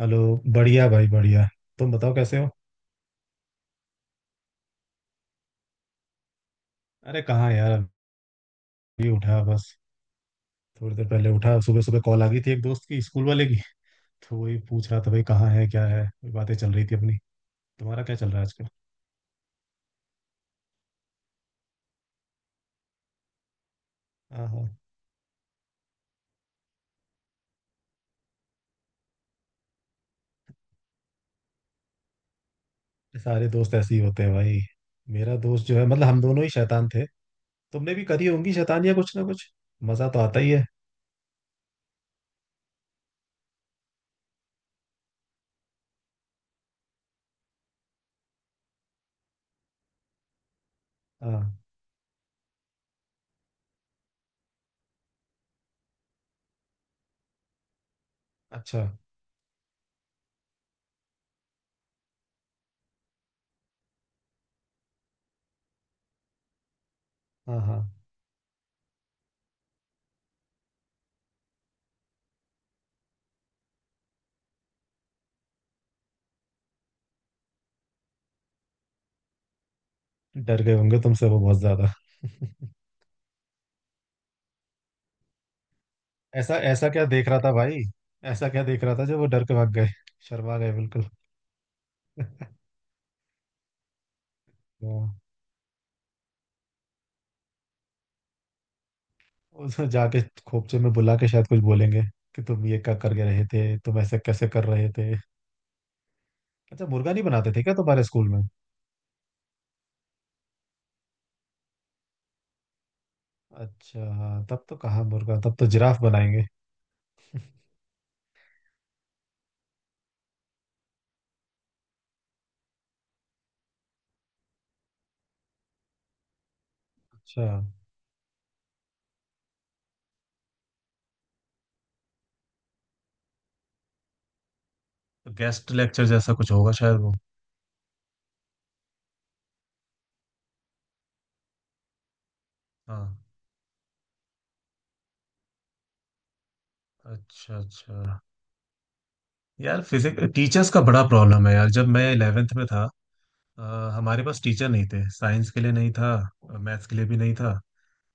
Hello. बढ़िया भाई बढ़िया। तुम बताओ कैसे हो। अरे कहाँ यार, अभी उठा बस। थोड़ी देर पहले उठा, सुबह सुबह कॉल आ गई थी एक दोस्त की, स्कूल वाले की। तो वही पूछ रहा था भाई कहाँ है क्या है, वही बातें चल रही थी अपनी। तुम्हारा क्या चल रहा है आजकल। हाँ हाँ। सारे दोस्त ऐसे ही होते हैं भाई। मेरा दोस्त जो है मतलब हम दोनों ही शैतान थे। तुमने भी करी होंगी शैतान या कुछ ना कुछ, मजा तो आता ही है। हाँ। अच्छा। हाँ हाँ। डर गए होंगे तुमसे वो बहुत ज्यादा। ऐसा ऐसा क्या देख रहा था भाई, ऐसा क्या देख रहा था जो वो डर के भाग गए, शर्मा गए बिल्कुल। हाँ। उसमें जाके खोपचे में बुला के शायद कुछ बोलेंगे कि तुम ये क्या करके रहे थे, तुम ऐसे कैसे कर रहे थे। अच्छा मुर्गा नहीं बनाते थे क्या तुम्हारे स्कूल में। अच्छा हाँ तब तो कहाँ मुर्गा, तब तो जिराफ बनाएंगे। अच्छा। तो गेस्ट लेक्चर जैसा कुछ होगा शायद वो। हाँ। अच्छा अच्छा। यार फिजिक्स टीचर्स का बड़ा प्रॉब्लम है यार, जब मैं इलेवेंथ में था अ, हमारे पास टीचर नहीं थे, साइंस के लिए नहीं था, मैथ्स के लिए भी नहीं था।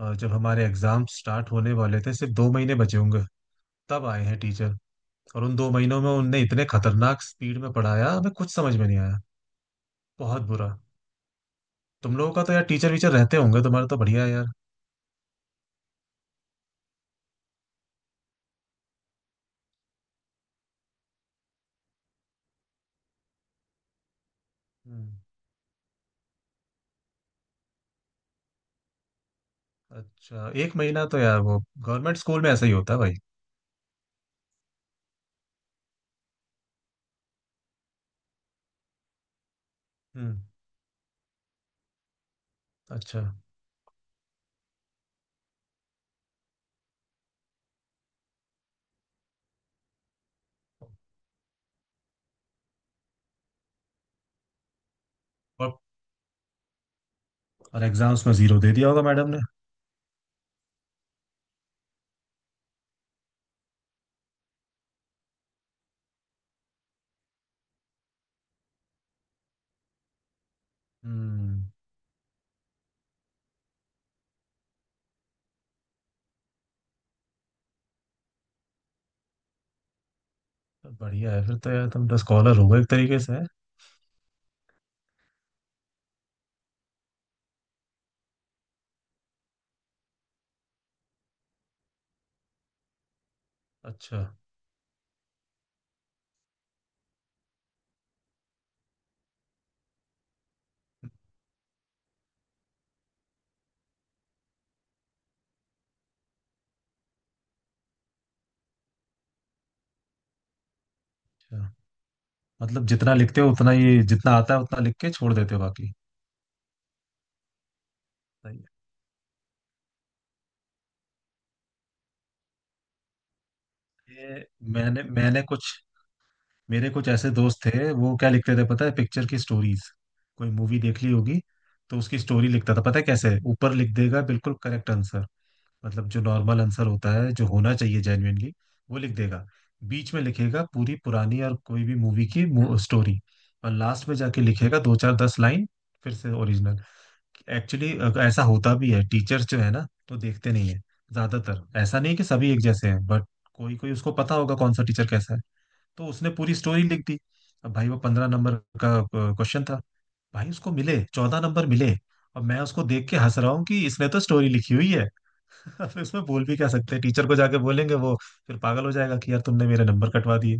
और जब हमारे एग्जाम स्टार्ट होने वाले थे सिर्फ दो महीने बचे होंगे, तब आए हैं टीचर। और उन दो महीनों में उनने इतने खतरनाक स्पीड में पढ़ाया, हमें कुछ समझ में नहीं आया। बहुत बुरा। तुम लोगों का तो यार टीचर वीचर रहते होंगे, तुम्हारा तो बढ़िया है यार। हम्म। अच्छा एक महीना तो यार वो, गवर्नमेंट स्कूल में ऐसा ही होता है भाई। हम्म। अच्छा। और, और एग्जाम्स में जीरो दे दिया होगा मैडम ने। हम्म। तो बढ़िया है फिर तो यार, तुम तो स्कॉलर हो गए एक तरीके से, हैं? अच्छा अच्छा। मतलब जितना लिखते हो उतना ही, जितना आता है उतना लिख के छोड़ देते हो बाकी। सही है। ये मैंने मैंने कुछ, मेरे कुछ ऐसे दोस्त थे वो क्या लिखते थे पता है, पिक्चर की स्टोरीज। कोई मूवी देख ली होगी तो उसकी स्टोरी लिखता था, पता है कैसे, ऊपर लिख देगा बिल्कुल करेक्ट आंसर। मतलब जो नॉर्मल आंसर होता है जो होना चाहिए जेन्युइनली, वो लिख देगा। बीच में लिखेगा पूरी पुरानी और कोई भी मूवी की स्टोरी। और लास्ट में जाके लिखेगा दो चार दस लाइन फिर से ओरिजिनल। एक्चुअली ऐसा होता भी है, टीचर्स जो है ना तो देखते नहीं है ज्यादातर। ऐसा नहीं है कि सभी एक जैसे हैं बट कोई कोई, उसको पता होगा कौन सा टीचर कैसा है, तो उसने पूरी स्टोरी लिख दी। अब भाई वो पंद्रह नंबर का क्वेश्चन था, भाई उसको मिले चौदह नंबर मिले। और मैं उसको देख के हंस रहा हूँ कि इसने तो स्टोरी लिखी हुई है। अब इसमें बोल भी क्या सकते हैं, टीचर को जाके बोलेंगे वो फिर पागल हो जाएगा कि यार तुमने मेरे नंबर कटवा दिए।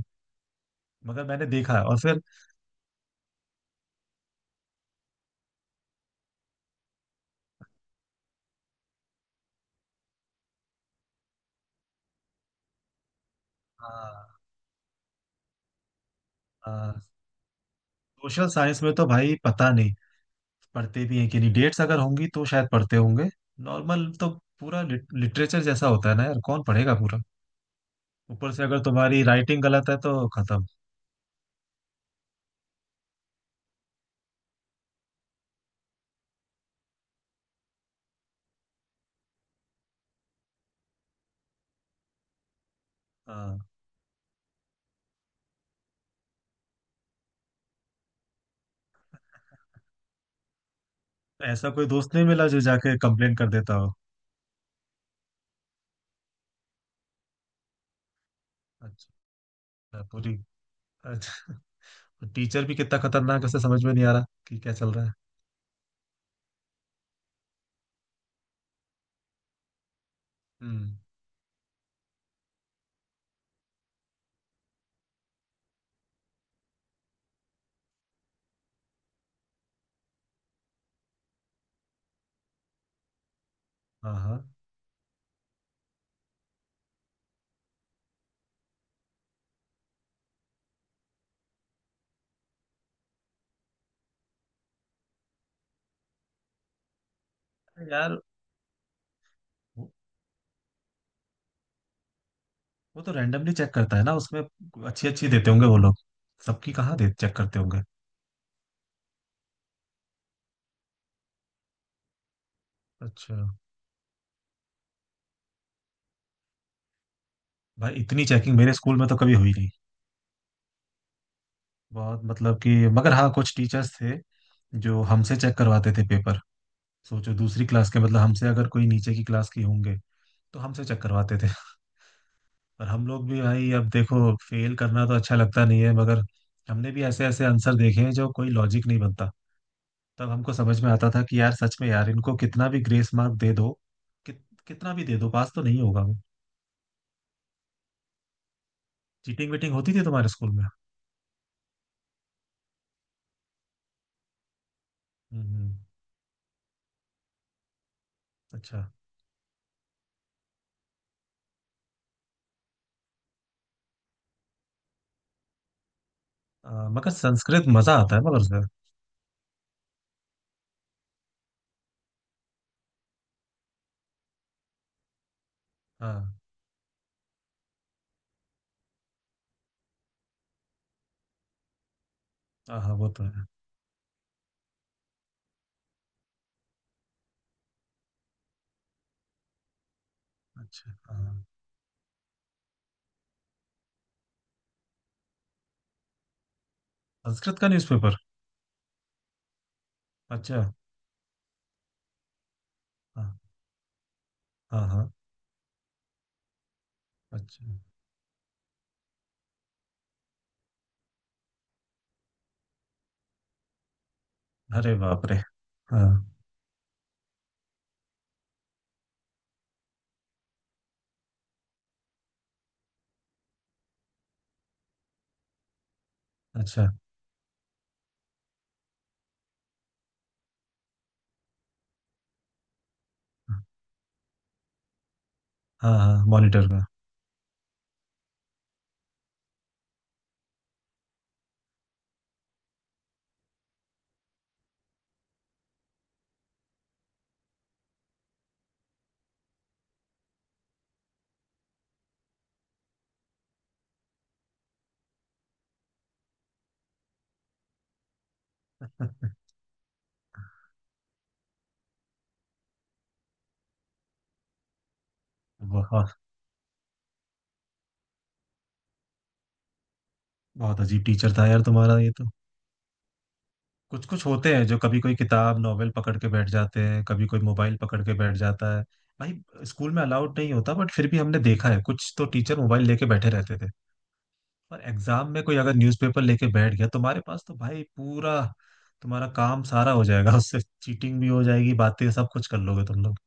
मगर मैंने देखा और फिर, सोशल साइंस में तो भाई पता नहीं पढ़ते भी हैं कि नहीं, डेट्स अगर होंगी तो शायद पढ़ते होंगे। नॉर्मल तो पूरा लिटरेचर जैसा होता है ना यार, कौन पढ़ेगा पूरा। ऊपर से अगर तुम्हारी राइटिंग गलत है तो खत्म। हाँ। ऐसा कोई दोस्त नहीं मिला जो जाके कंप्लेन कर देता हो। अच्छा पूरी। अच्छा। टीचर भी कितना खतरनाक है, उसे समझ में नहीं आ रहा कि क्या चल रहा है। हम्म। हाँ हाँ। अरे यार। वो, वो तो रैंडमली चेक करता है ना, उसमें अच्छी अच्छी देते होंगे वो लोग। सबकी कहाँ दे चेक करते होंगे। अच्छा। भाई इतनी चेकिंग मेरे स्कूल में तो कभी हुई नहीं। बहुत मतलब कि, मगर हाँ कुछ टीचर्स थे जो हमसे चेक करवाते थे पेपर। सोचो दूसरी क्लास के, मतलब हमसे अगर कोई नीचे की क्लास की होंगे तो हमसे चेक करवाते थे। और हम लोग भी भाई, अब देखो फेल करना तो अच्छा लगता नहीं है, मगर हमने भी ऐसे ऐसे आंसर देखे हैं जो कोई लॉजिक नहीं बनता। तब हमको समझ में आता था कि यार सच में यार इनको कितना भी ग्रेस मार्क दे दो, कितना भी दे दो पास तो नहीं होगा वो। चीटिंग वीटिंग होती थी तुम्हारे स्कूल में। हम्म। अच्छा। मगर संस्कृत मजा आता है मगर सर। हाँ। हाँ हाँ वो तो है। अच्छा हाँ। संस्कृत का न्यूज़पेपर। अच्छा। हाँ हाँ हाँ। अच्छा। अरे बाप रे। हाँ। अच्छा। हाँ हाँ मॉनिटर का। वाह। बहुत अजीब टीचर था यार तुम्हारा ये तो। कुछ कुछ होते हैं जो कभी कोई किताब नॉवेल पकड़ के बैठ जाते हैं, कभी कोई मोबाइल पकड़ के बैठ जाता है। भाई स्कूल में अलाउड नहीं होता, बट फिर भी हमने देखा है कुछ तो टीचर मोबाइल लेके बैठे रहते थे। पर एग्जाम में कोई अगर न्यूज़पेपर लेके बैठ गया तुम्हारे पास तो भाई पूरा, तुम्हारा काम सारा हो जाएगा उससे, चीटिंग भी हो जाएगी बातें सब कुछ कर लोगे तुम लोग।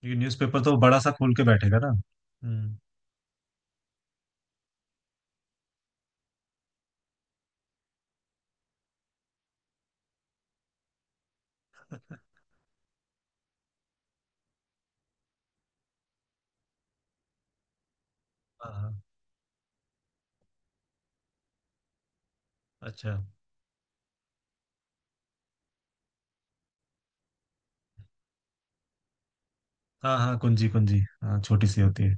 क्योंकि न्यूज़पेपर तो बड़ा सा खोल के बैठेगा ना। हम्म। हाँ हाँ। अच्छा। हाँ हाँ कुंजी कुंजी हाँ छोटी सी होती है।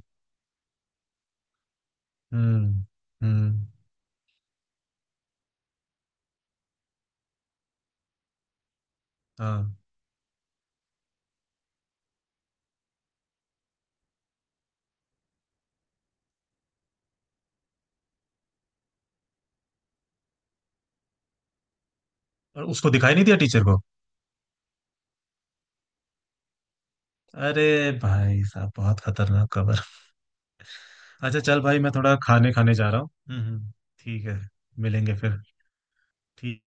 हम्म। हम्म। हाँ। और उसको दिखाई नहीं दिया टीचर को। अरे भाई साहब बहुत खतरनाक खबर। अच्छा चल भाई मैं थोड़ा खाने खाने जा रहा हूँ। हम्म। ठीक है। मिलेंगे फिर। ठीक है।